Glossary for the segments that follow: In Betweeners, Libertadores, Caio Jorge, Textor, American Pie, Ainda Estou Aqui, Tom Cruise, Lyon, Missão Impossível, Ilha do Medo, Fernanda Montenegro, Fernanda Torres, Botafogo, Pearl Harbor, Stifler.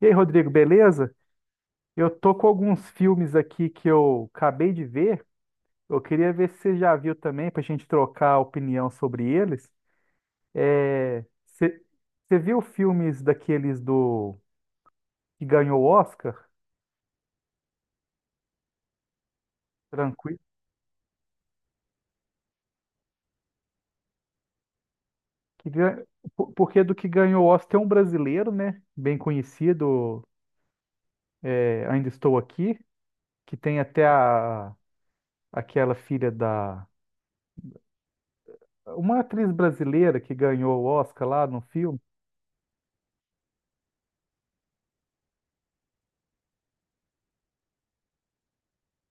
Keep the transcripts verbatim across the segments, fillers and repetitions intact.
E aí, Rodrigo, beleza? Eu tô com alguns filmes aqui que eu acabei de ver. Eu queria ver se você já viu também, pra gente trocar opinião sobre eles. É, você você viu filmes daqueles do que ganhou o Oscar? Tranquilo. Que gan- po- Porque do que ganhou o Oscar tem um brasileiro, né? Bem conhecido, é, Ainda Estou Aqui, que tem até a aquela filha da. Uma atriz brasileira que ganhou o Oscar lá no filme.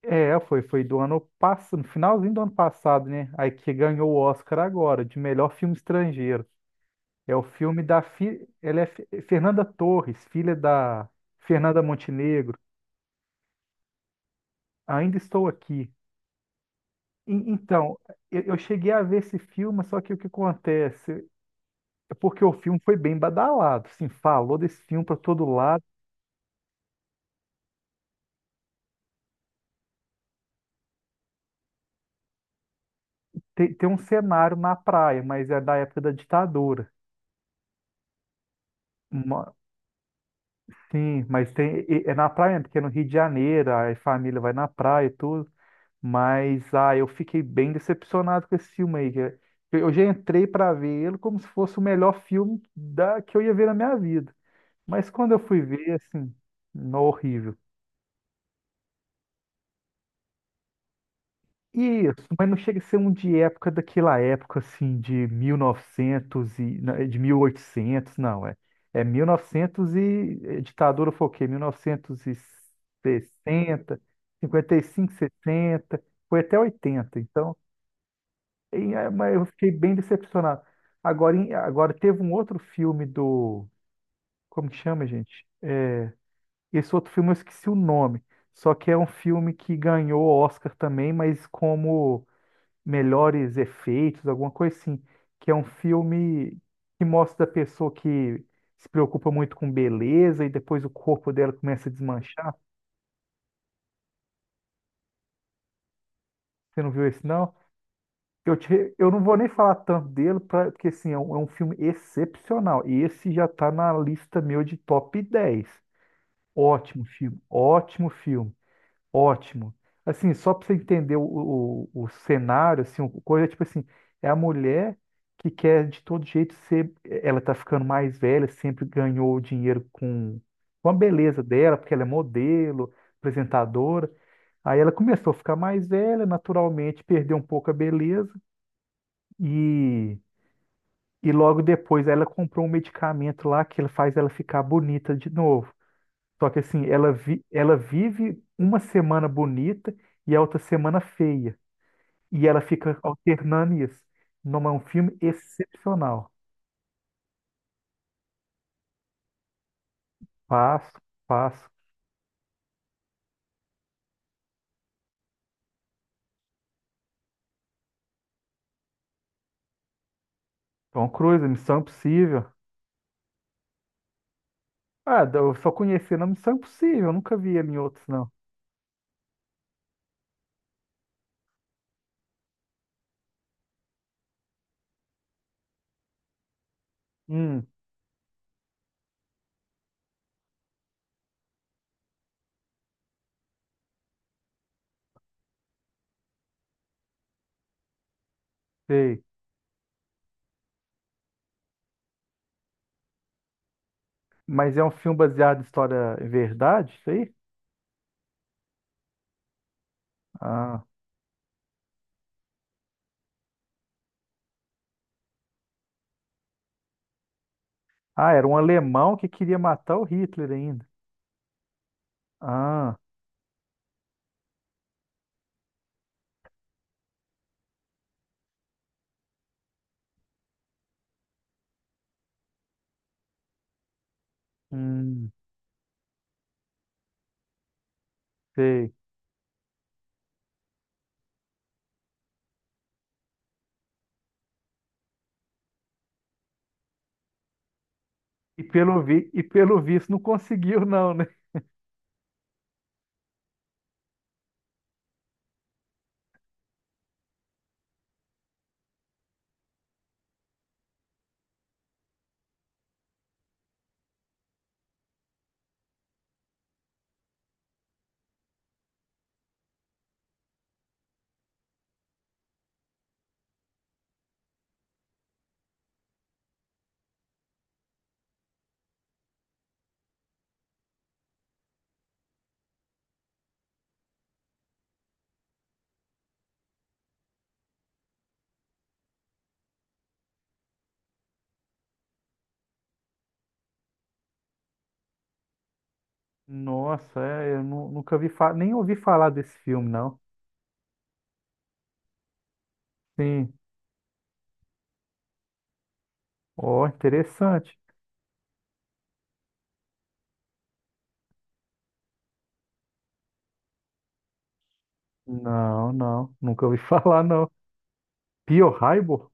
É, foi, foi do ano passado, no finalzinho do ano passado, né? Aí que ganhou o Oscar agora, de melhor filme estrangeiro. É o filme da fi... ela é Fe- Fernanda Torres, filha da Fernanda Montenegro. Ainda estou aqui. E- então, eu, eu cheguei a ver esse filme, só que o que acontece? É porque o filme foi bem badalado, assim, falou desse filme para todo lado. Tem, tem um cenário na praia, mas é da época da ditadura. Sim, mas tem, e- é na praia, né, porque é no Rio de Janeiro, aí a família vai na praia e tudo. Mas ah, eu fiquei bem decepcionado com esse filme aí, que é- eu já entrei para ver ele como se fosse o melhor filme da, que eu ia ver na minha vida. Mas quando eu fui ver, assim, no horrível. Isso, mas não chega a ser um de época daquela época assim de mil e novecentos e novecentos e na- de mil e oitocentos não, é. É mil e novecentos e novecentos e eh, ditadura foi o quê? Mil novecentos e sessenta, cinquenta e cinco, sessenta, foi até oitenta. Então, e, eh, mas eu fiquei bem decepcionado. Agora, em- agora teve um outro filme do, como que chama, gente? Esse outro filme eu esqueci o nome. Só que é um filme que ganhou Oscar também, mas como melhores efeitos, alguma coisa assim, que é um filme que mostra a pessoa que se preocupa muito com beleza e depois o corpo dela começa a desmanchar. Você não viu esse, não? Eu, te- eu não vou nem falar tanto dele, pra- porque assim, é um, é um, filme excepcional. E esse já está na lista meu de top dez. Ótimo filme, ótimo filme. Ótimo. Assim, só para você entender o, o, o cenário, assim, o coisa é tipo assim, é a mulher que quer de todo jeito ser, ela tá ficando mais velha, sempre ganhou o dinheiro com, com, a beleza dela, porque ela é modelo, apresentadora. Aí ela começou a ficar mais velha, naturalmente perdeu um pouco a beleza e, e logo depois ela comprou um medicamento lá que ele faz ela ficar bonita de novo. Só que assim, ela, vi- ela vive uma semana bonita e a outra semana feia. E ela fica alternando isso. Não é um filme excepcional. Passo, passo. Tom Cruise, Missão Impossível. Ah, eu só conheci na Missão Impossível, eu nunca vi ele em outros, não. Hum, sei. Mas é um filme baseado em história em verdade, isso aí? Ah. Ah, era um alemão que queria matar o Hitler ainda. Ah, hum, sei. E pelo vi... e pelo visto não conseguiu, não, né? Nossa, é, eu nu- nunca vi fa- nem ouvi falar desse filme, não. Sim. Ó, interessante. Não, não, nunca ouvi falar, não. Pearl Harbor?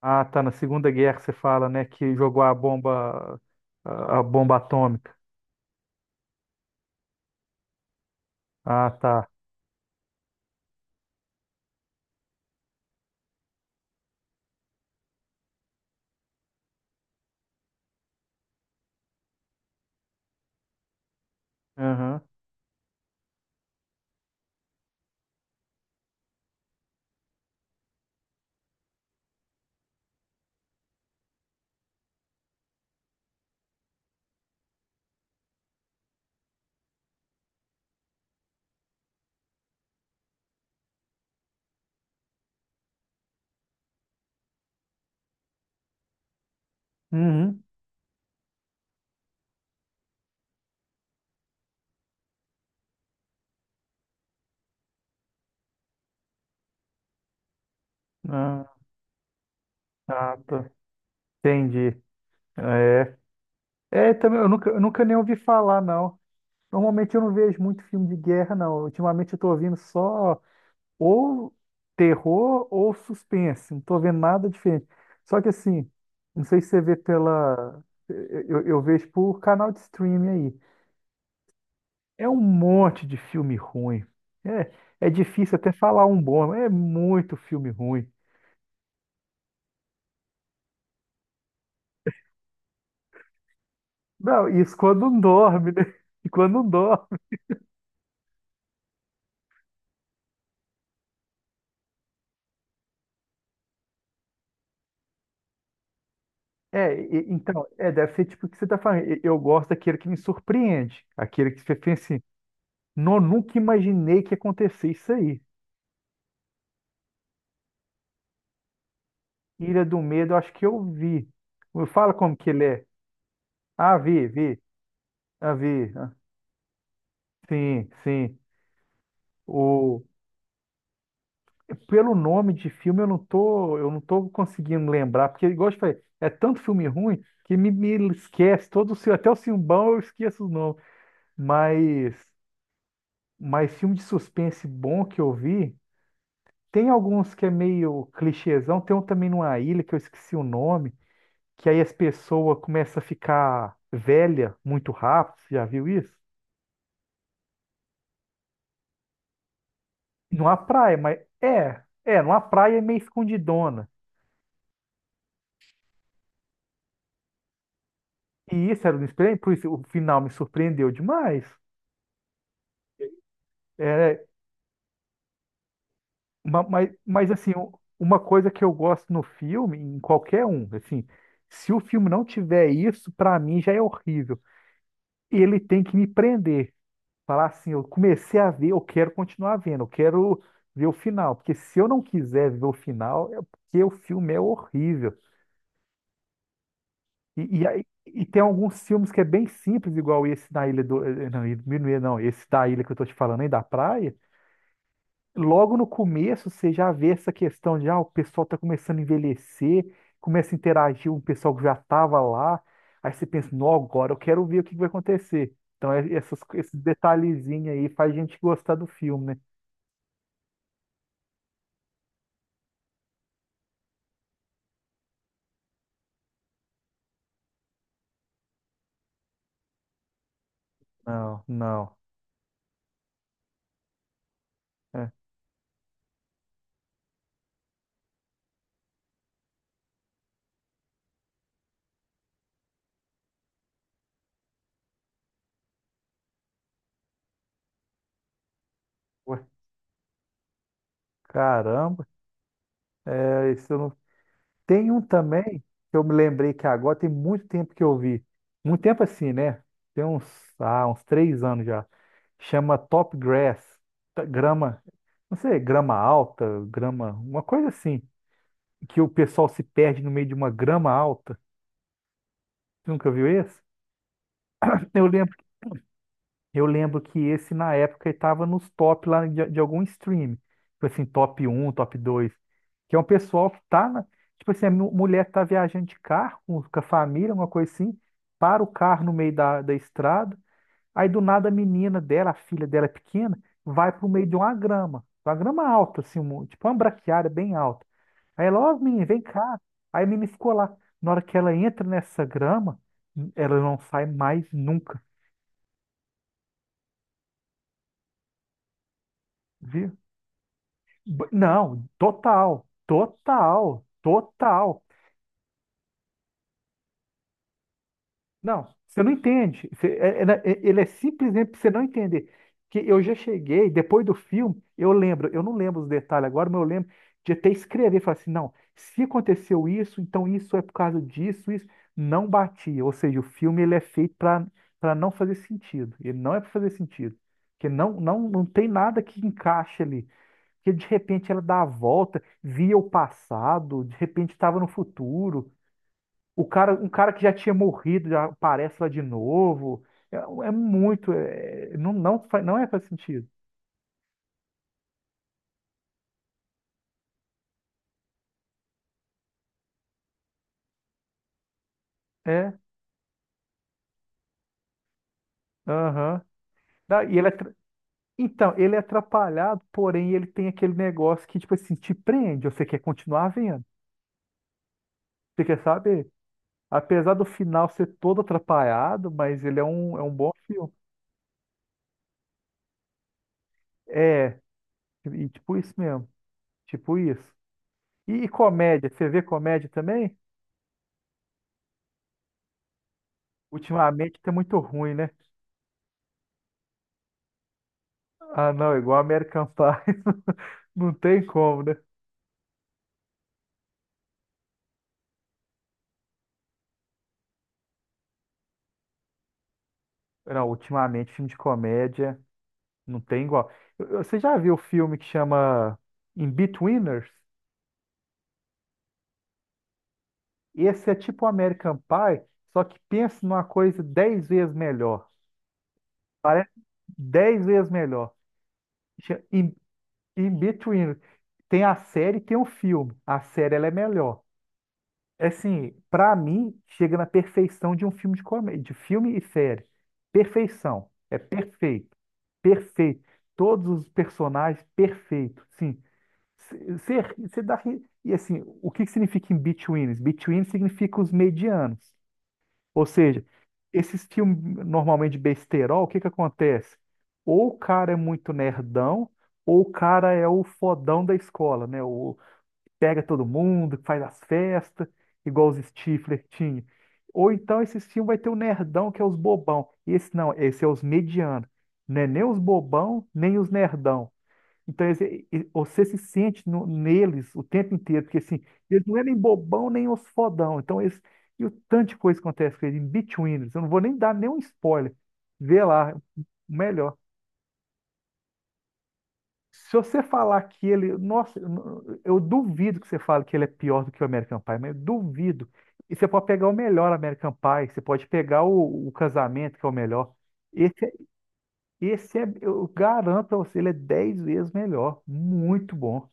Ah, tá, na Segunda Guerra você fala, né, que jogou a bomba, a, a bomba atômica. Ah, tá. Aham. Uhum. Ah, ah, tá. Entendi. É. É, também, eu nunca, eu nunca nem ouvi falar, não. Normalmente eu não vejo muito filme de guerra, não. Ultimamente eu tô ouvindo só ou terror ou suspense. Não tô vendo nada diferente. Só que assim, não sei se você vê pela. Eu, eu vejo por canal de streaming aí. É um monte de filme ruim. É, é difícil até falar um bom, mas é muito filme ruim. Não, isso quando não dorme, né? E quando não dorme. É, e- então, é, deve ser tipo o que você tá falando. E- Eu gosto daquele que me surpreende. Aquele que você pensa assim, não, nunca imaginei que ia acontecer isso aí. Ilha do Medo, eu acho que eu vi. Fala como que ele é. Ah, vi, vi. Ah, vi. Ah, sim, sim. O... Pelo nome de filme eu não tô, eu não tô, conseguindo lembrar, porque igual eu te falei, é tanto filme ruim que me, me esquece todo o filme, até o filme bom eu esqueço os nomes. Mas, mas filme de suspense bom que eu vi, tem alguns que é meio clichêzão, tem um também numa ilha que eu esqueci o nome, que aí as pessoas começam a ficar velha muito rápido, você já viu isso? Numa praia, mas é, é, numa praia é meio escondidona. E isso era um espelho, por isso o final me surpreendeu demais. É, ma- mas, mas assim, u- uma coisa que eu gosto no filme, em qualquer um, assim, se o filme não tiver isso, pra mim já é horrível. Ele tem que me prender. Falar assim, eu comecei a ver, eu quero continuar vendo, eu quero ver o final. Porque se eu não quiser ver o final, é porque o filme é horrível. E, e, aí- e tem alguns filmes que é bem simples, igual esse da Ilha do. eh, Não, Ilha do Minuê, não, esse da ilha que eu tô te falando aí, da praia. Logo no começo você já vê essa questão de ah, o pessoal tá começando a envelhecer, começa a interagir com o pessoal que já tava lá. Aí você pensa, não, agora eu quero ver o que que vai acontecer. Então, é- essas, esses detalhezinhos aí faz a gente gostar do filme, né? Não, não. É. Ué, caramba, é, isso eu não. Tem um também, que eu me lembrei que agora tem muito tempo que eu vi. Muito tempo assim, né? Tem uns, ah, uns três anos já. Chama Top Grass. ta- Grama, não sei, grama alta, grama, uma coisa assim. Que o pessoal se perde no meio de uma grama alta. Você nunca viu esse? Eu lembro Eu lembro que esse, na época, estava nos top lá de, de algum stream. Tipo assim, top um, top dois. Que é um pessoal que tá na. Tipo assim, a mu- mulher tá viajando de carro com com a família, uma coisa assim, para o carro no meio da, da estrada. Aí do nada a menina dela, a filha dela é pequena, vai pro meio de uma grama. Uma grama alta, assim, um- tipo uma braquiária bem alta. Aí ela, ó, menina, vem cá. Aí a menina ficou lá. Na hora que ela entra nessa grama, hum, ela não sai mais nunca. Viu? B- Não, total, total, total. Não, você não entende. Você- é- é- né, é- ele é simplesmente pra você não entender. Que eu já cheguei, depois do filme, eu lembro, eu não lembro os detalhes agora, mas eu lembro de até escrever, falar assim, não, se aconteceu isso, então isso é por causa disso, isso não batia. Ou seja, o filme ele é feito para para não fazer sentido. Ele não é para fazer sentido. Porque não, não, não tem nada que encaixe ali. Que de repente ela dá a volta, via o passado, de repente estava no futuro. O cara, um cara que já tinha morrido já aparece lá de novo. É, é muito, é- não, não, faz- não é faz sentido. É, aham. Não, E ele é, tra- então, ele é atrapalhado, porém ele tem aquele negócio que, tipo assim, te prende, você quer continuar vendo, você quer saber. Apesar do final ser todo atrapalhado, mas ele é um, é um bom filme. É, e tipo isso mesmo, tipo isso. E, e comédia, você vê comédia também? Ultimamente tá muito ruim, né? Ah, não, igual American Pie. Não tem como, né? Não, ultimamente filme de comédia não tem igual. Eu- eu- Você já viu o filme que chama In Betweeners? Esse é tipo American Pie, só que pensa numa coisa dez vezes melhor. Parece dez vezes melhor. Cha- In, In Betweeners. Tem a série e tem o filme. A série ela é melhor. É assim, pra mim, chega na perfeição de um filme de comédia, de filme e série. Perfeição. É perfeito. Perfeito. Todos os personagens, perfeito. Sim. Você você dá. ri- E assim, o que que significa in betweens? Between significa os medianos. Ou seja, esses filmes normalmente de besterol, o que que acontece? Ou o cara é muito nerdão, ou o cara é o fodão da escola, né? O, pega todo mundo, faz as festas, igual os Stifler tinha. Ou então esse filme vai ter o nerdão, que é os bobão. E esse não, esse é os medianos. Não é nem os bobão, nem os nerdão. Então esse- e- você se sente no- neles o tempo inteiro, porque assim, eles não é nem bobão, nem os fodão. Então eles, e o tanto de coisa que acontece com eles, em between, eles. Eu não vou nem dar nenhum spoiler. Vê lá, o melhor. Se você falar que ele. Nossa, eu não- eu duvido que você fale que ele é pior do que o American Pie, mas eu duvido. E você pode pegar o melhor American Pie, você pode pegar o, o, Casamento, que é o melhor. Esse, é- esse é, eu garanto pra você, ele é dez vezes melhor. Muito bom.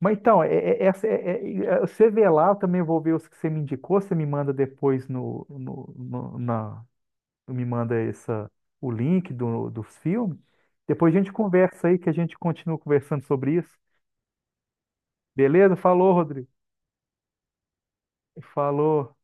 Mas então, é, é- essa é- é- é- você vê lá, eu também vou ver os que você me indicou, você me manda depois no, no, no- na, me manda essa, o link do, dos filmes. Depois a gente conversa aí, que a gente continua conversando sobre isso. Beleza? Falou, Rodrigo. Falou.